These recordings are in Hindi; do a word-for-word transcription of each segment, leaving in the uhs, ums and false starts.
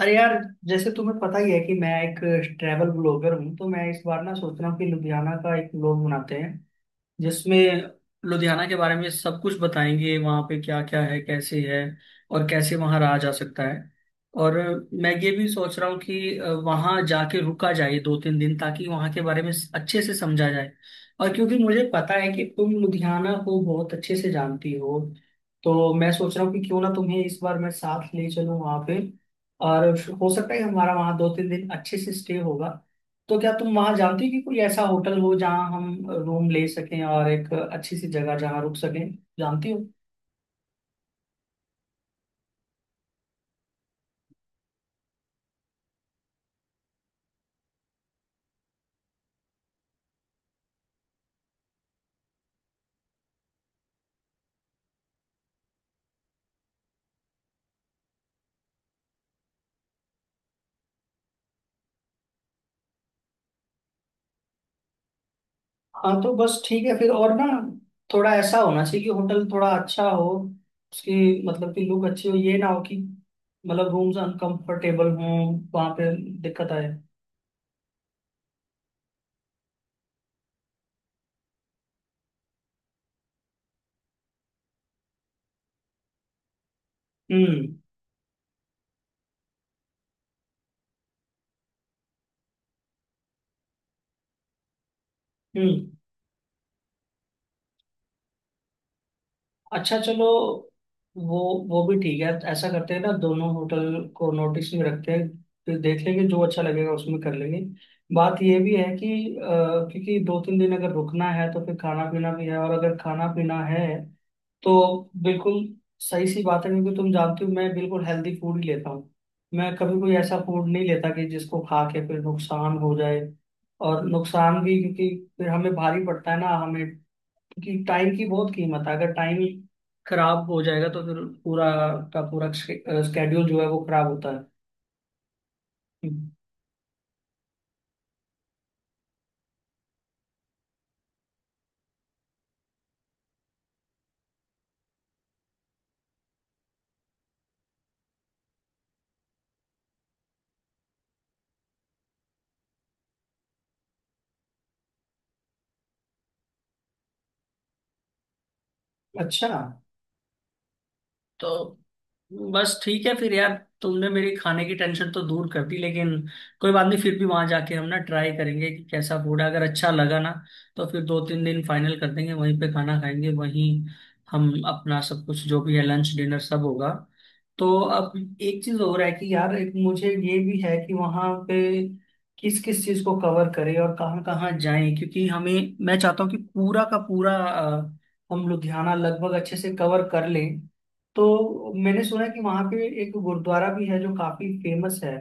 अरे यार, जैसे तुम्हें पता ही है कि मैं एक ट्रैवल ब्लॉगर हूँ। तो मैं इस बार ना सोच रहा हूँ कि लुधियाना का एक ब्लॉग बनाते हैं जिसमें लुधियाना के बारे में सब कुछ बताएंगे। वहाँ पे क्या क्या है, कैसे है और कैसे वहाँ रहा जा सकता है। और मैं ये भी सोच रहा हूँ कि अ, वहाँ जाके रुका जाए दो तीन दिन, ताकि वहाँ के बारे में अच्छे से समझा जाए। और क्योंकि मुझे पता है कि तुम लुधियाना को बहुत अच्छे से जानती हो, तो मैं सोच रहा हूँ कि क्यों ना तुम्हें इस बार मैं साथ ले चलूँ वहाँ पे। और हो सकता है कि हमारा वहाँ दो तीन दिन अच्छे से स्टे होगा। तो क्या तुम वहां जानती हो कि कोई ऐसा होटल हो जहां हम रूम ले सकें, और एक अच्छी सी जगह जहां रुक सकें? जानती हो? हाँ, तो बस ठीक है फिर। और ना, थोड़ा ऐसा होना चाहिए कि होटल थोड़ा अच्छा हो। उसकी मतलब कि लुक अच्छी हो, ये ना हो कि मतलब रूम्स अनकंफर्टेबल हों, वहां पे दिक्कत आए। हम्म। हम्म। अच्छा, चलो। वो वो भी ठीक है। ऐसा करते हैं ना, दोनों होटल को नोटिस में रखते हैं। फिर देख लेंगे, जो अच्छा लगेगा उसमें कर लेंगे। बात ये भी है कि, अ, क्योंकि दो तीन दिन अगर रुकना है तो फिर खाना पीना भी है। और अगर खाना पीना है तो बिल्कुल सही सी बात है। क्योंकि तुम जानती हो मैं बिल्कुल हेल्दी फूड ही लेता हूँ। मैं कभी कोई ऐसा फूड नहीं लेता कि जिसको खा के फिर नुकसान हो जाए। और नुकसान भी, क्योंकि फिर हमें भारी पड़ता है ना हमें, कि टाइम की बहुत कीमत है। अगर टाइम खराब हो जाएगा, तो फिर पूरा का पूरा स्केड्यूल जो है वो खराब होता है। अच्छा, तो बस ठीक है फिर यार। तुमने मेरी खाने की टेंशन तो दूर कर दी, लेकिन कोई बात नहीं, फिर भी वहां जाके हम ना ट्राई करेंगे कि कैसा फूड है। अगर अच्छा लगा ना, तो फिर दो तीन दिन फाइनल कर देंगे, वहीं पे खाना खाएंगे। वहीं हम अपना सब कुछ जो भी है लंच डिनर सब होगा। तो अब एक चीज हो रहा है कि यार, एक मुझे ये भी है कि वहां पे किस किस चीज को कवर करें और कहाँ कहाँ जाएं, क्योंकि हमें, मैं चाहता हूँ कि पूरा का पूरा अ, हम लुधियाना लगभग अच्छे से कवर कर लें। तो मैंने सुना है कि वहां पे एक गुरुद्वारा भी है जो काफी फेमस है।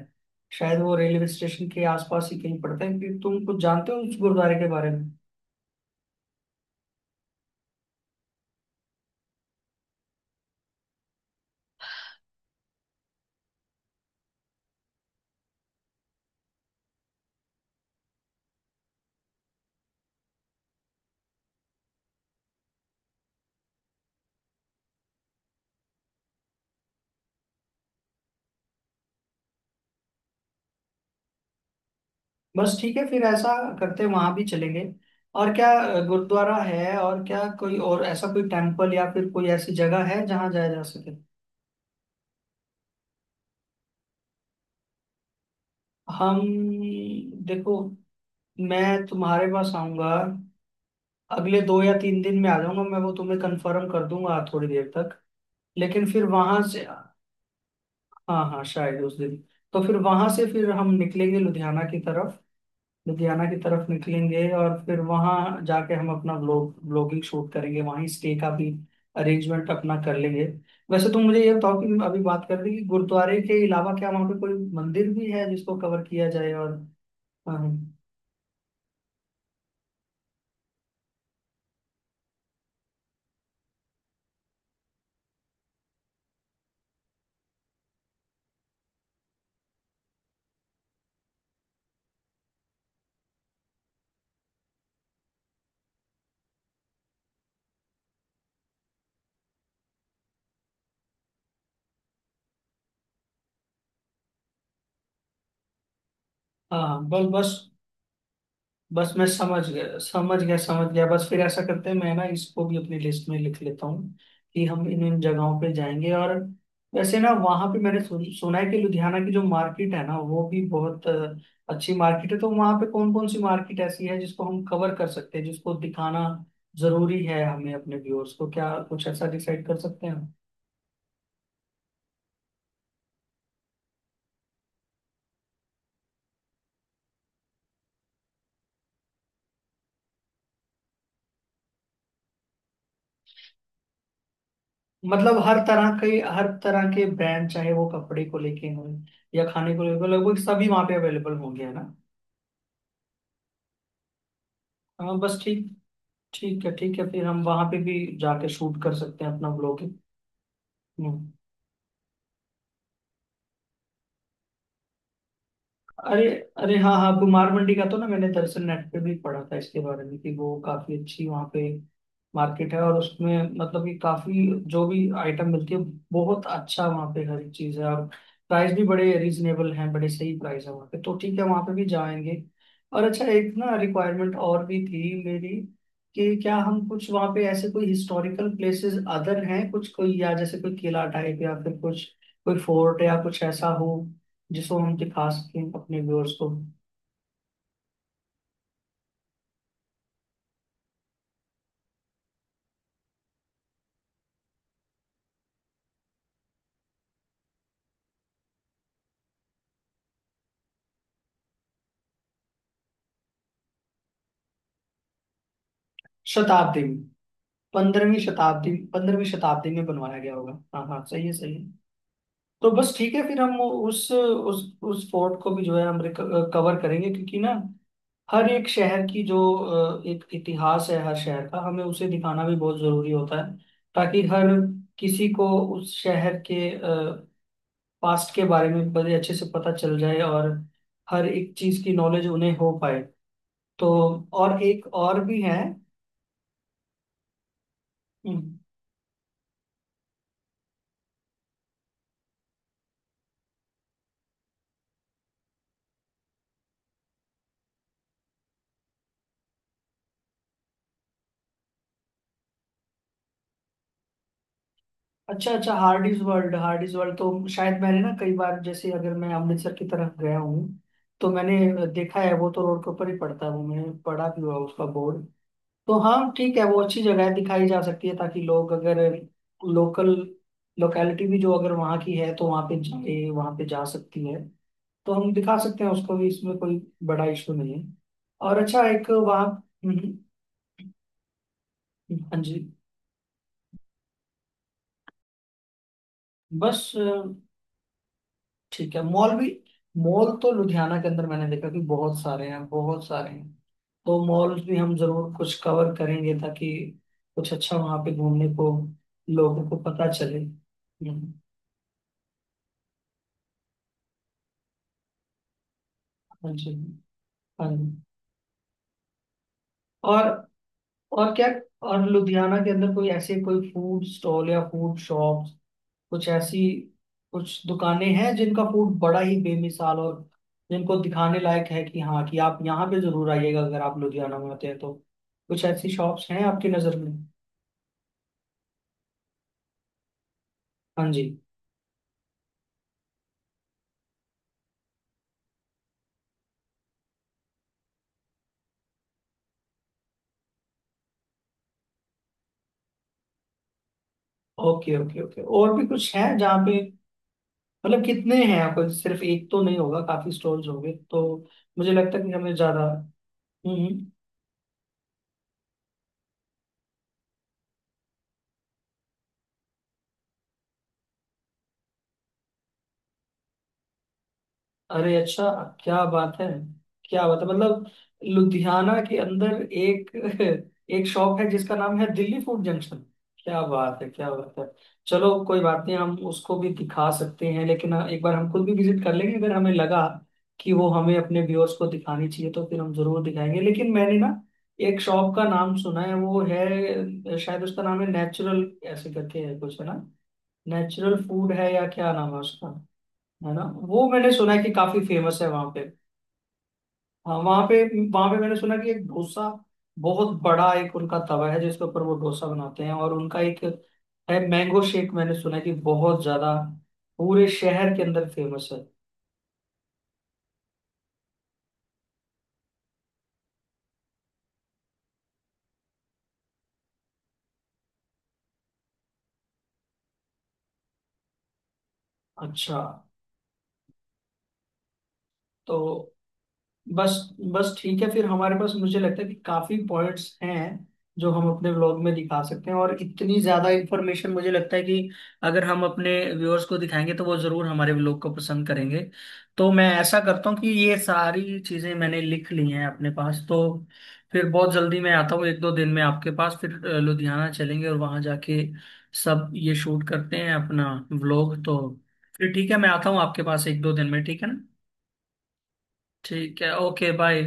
शायद वो रेलवे स्टेशन के आसपास ही कहीं पड़ता है, कि तुम कुछ जानते हो उस गुरुद्वारे के बारे में? बस ठीक है फिर, ऐसा करते हैं, वहां भी चलेंगे। और क्या अ, गुरुद्वारा है, और क्या कोई और ऐसा कोई टेम्पल या फिर कोई ऐसी जगह है जहाँ जाया जा सके? हम। देखो, मैं तुम्हारे पास आऊंगा अगले दो या तीन दिन में। आ जाऊंगा मैं, वो तुम्हें कंफर्म कर दूंगा थोड़ी देर तक। लेकिन फिर वहां से। हाँ हाँ, शायद उस दिन। तो फिर वहां से फिर हम निकलेंगे लुधियाना की तरफ। लुधियाना की तरफ निकलेंगे, और फिर वहां जाके हम अपना ब्लॉग ब्लॉगिंग शूट करेंगे। वहीं स्टे का भी अरेंजमेंट अपना कर लेंगे। वैसे तुम मुझे ये बताओ कि अभी बात कर रही कि गुरुद्वारे के अलावा क्या वहां पे कोई मंदिर भी है जिसको कवर किया जाए, और? हाँ। हाँ हाँ, बस बस। बस मैं समझ गया, समझ गया, समझ गया। बस फिर ऐसा करते हैं, मैं ना इसको भी अपनी लिस्ट में लिख लेता हूँ कि हम इन इन जगहों पे जाएंगे। और वैसे ना, वहाँ पे मैंने सुन, सुना है कि लुधियाना की जो मार्केट है ना, वो भी बहुत अ, अच्छी मार्केट है। तो वहाँ पे कौन कौन सी मार्केट ऐसी है जिसको हम कवर कर सकते हैं, जिसको दिखाना जरूरी है हमें अपने व्यूअर्स को? क्या कुछ ऐसा डिसाइड कर सकते हैं हम? मतलब हर तरह के, हर तरह के ब्रांड, चाहे वो कपड़े को लेके हों या खाने को लेके, लगभग सभी वहाँ पे अवेलेबल होंगे, है ना? हाँ, बस ठीक। ठीक है, ठीक है फिर हम वहां पे भी जाके शूट कर सकते हैं अपना ब्लॉगिंग। हम्म। अरे अरे, हाँ हाँ, कुमार मंडी का तो ना मैंने दरअसल नेट पे भी पढ़ा था इसके बारे में, कि वो काफी अच्छी वहाँ पे मार्केट है। और उसमें मतलब कि काफी जो भी आइटम मिलती है, बहुत अच्छा वहाँ पे हर एक चीज है। और प्राइस भी बड़े रीजनेबल हैं, बड़े सही प्राइस है वहाँ पे। तो ठीक है, वहाँ पे भी जाएंगे। और अच्छा, एक ना रिक्वायरमेंट और भी थी मेरी। कि क्या हम कुछ वहाँ पे ऐसे कोई हिस्टोरिकल प्लेसेस अदर हैं कुछ, कोई या जैसे कोई किला टाइप या फिर कुछ कोई फोर्ट या कुछ ऐसा हो जिसको हम दिखा सकें अपने व्यूअर्स को? शताब्दी में, पंद्रहवीं शताब्दी, पंद्रहवीं शताब्दी में बनवाया गया होगा। हाँ हाँ, सही है, सही है। तो बस ठीक है फिर, हम वो- उस उस उस फोर्ट को भी जो है, हम कवर करेंगे। क्योंकि ना, हर एक शहर की जो अ, एक इतिहास है, हर शहर का हमें उसे दिखाना भी बहुत जरूरी होता है, ताकि हर किसी को उस शहर के पास्ट के बारे में बड़े अच्छे से पता चल जाए, और हर एक चीज की नॉलेज उन्हें हो पाए। तो, और एक और भी है? हम्म। अच्छा अच्छा, हार्डीज वर्ल्ड, हार्डीज वर्ल्ड तो शायद मैंने ना कई बार, जैसे अगर मैं अमृतसर की तरफ गया हूँ तो मैंने देखा है। वो तो रोड के ऊपर ही पड़ता है, वो मैंने पढ़ा भी हुआ है उसका बोर्ड। तो हाँ ठीक है, वो अच्छी जगह है, दिखाई जा सकती है। ताकि लोग, अगर लोकल लोकेलिटी भी जो अगर वहाँ की है, तो वहाँ पे जाए, वहाँ पे जा सकती है। तो हम दिखा सकते हैं उसको भी, इसमें कोई बड़ा इशू नहीं है। और अच्छा, एक वहाँ। हम्म। हम्म। हाँ जी। बस ठीक है, मॉल भी। मॉल तो लुधियाना के अंदर मैंने देखा कि बहुत सारे हैं, बहुत सारे हैं। तो मॉल भी हम जरूर कुछ कवर करेंगे, ताकि कुछ अच्छा वहां पे घूमने को लोगों को पता चले। हम्म। हाँ जी। हाँ जी। और और क्या? और लुधियाना के अंदर कोई ऐसे कोई फूड स्टॉल या फूड शॉप, कुछ ऐसी कुछ दुकानें हैं जिनका फूड बड़ा ही बेमिसाल और जिनको दिखाने लायक है, कि हाँ, कि आप यहाँ पे जरूर आइएगा अगर आप लुधियाना में आते हैं तो? कुछ ऐसी शॉप्स हैं आपकी नज़र में? हाँ जी। ओके ओके ओके, और भी कुछ है जहाँ पे? मतलब कितने हैं? आपको सिर्फ एक तो नहीं होगा, काफी स्टॉल्स होंगे। तो मुझे लगता है कि हमें ज्यादा। हम्म। हम्म। अरे अच्छा। क्या बात है, क्या बात है। मतलब लुधियाना के अंदर एक एक शॉप है जिसका नाम है दिल्ली फूड जंक्शन। क्या बात है, क्या बात है। चलो कोई बात नहीं, हम उसको भी दिखा सकते हैं। लेकिन हाँ, एक बार हम खुद भी विजिट कर लेंगे, अगर हमें लगा कि वो हमें अपने व्यूअर्स को दिखानी चाहिए तो फिर हम जरूर दिखाएंगे। लेकिन मैंने ना एक शॉप का नाम सुना है, वो है शायद उसका नाम है नेचुरल, ऐसे करके है कुछ, है ना? नेचुरल फूड है, या क्या नाम है उसका, है ना? वो मैंने सुना है कि काफी फेमस है वहां पे। हाँ, वहां पे वहां पे मैंने सुना कि एक डोसा बहुत बड़ा, एक उनका तवा है जिसके ऊपर वो डोसा बनाते हैं। और उनका एक है मैंगो शेक, मैंने सुना है कि बहुत ज्यादा पूरे शहर के अंदर फेमस है। अच्छा, तो बस बस, ठीक है फिर हमारे पास मुझे लगता है कि काफी पॉइंट्स हैं जो हम अपने व्लॉग में दिखा सकते हैं। और इतनी ज्यादा इन्फॉर्मेशन मुझे लगता है कि अगर हम अपने व्यूअर्स को दिखाएंगे तो वो जरूर हमारे व्लॉग को पसंद करेंगे। तो मैं ऐसा करता हूँ कि ये सारी चीजें मैंने लिख ली हैं अपने पास। तो फिर बहुत जल्दी मैं आता हूँ एक दो दिन में आपके पास, फिर अ, लुधियाना चलेंगे और वहां जाके सब ये शूट करते हैं अपना व्लॉग। तो फिर ठीक है, मैं आता हूँ आपके पास एक दो दिन में, ठीक है ना? ठीक है, ओके बाय।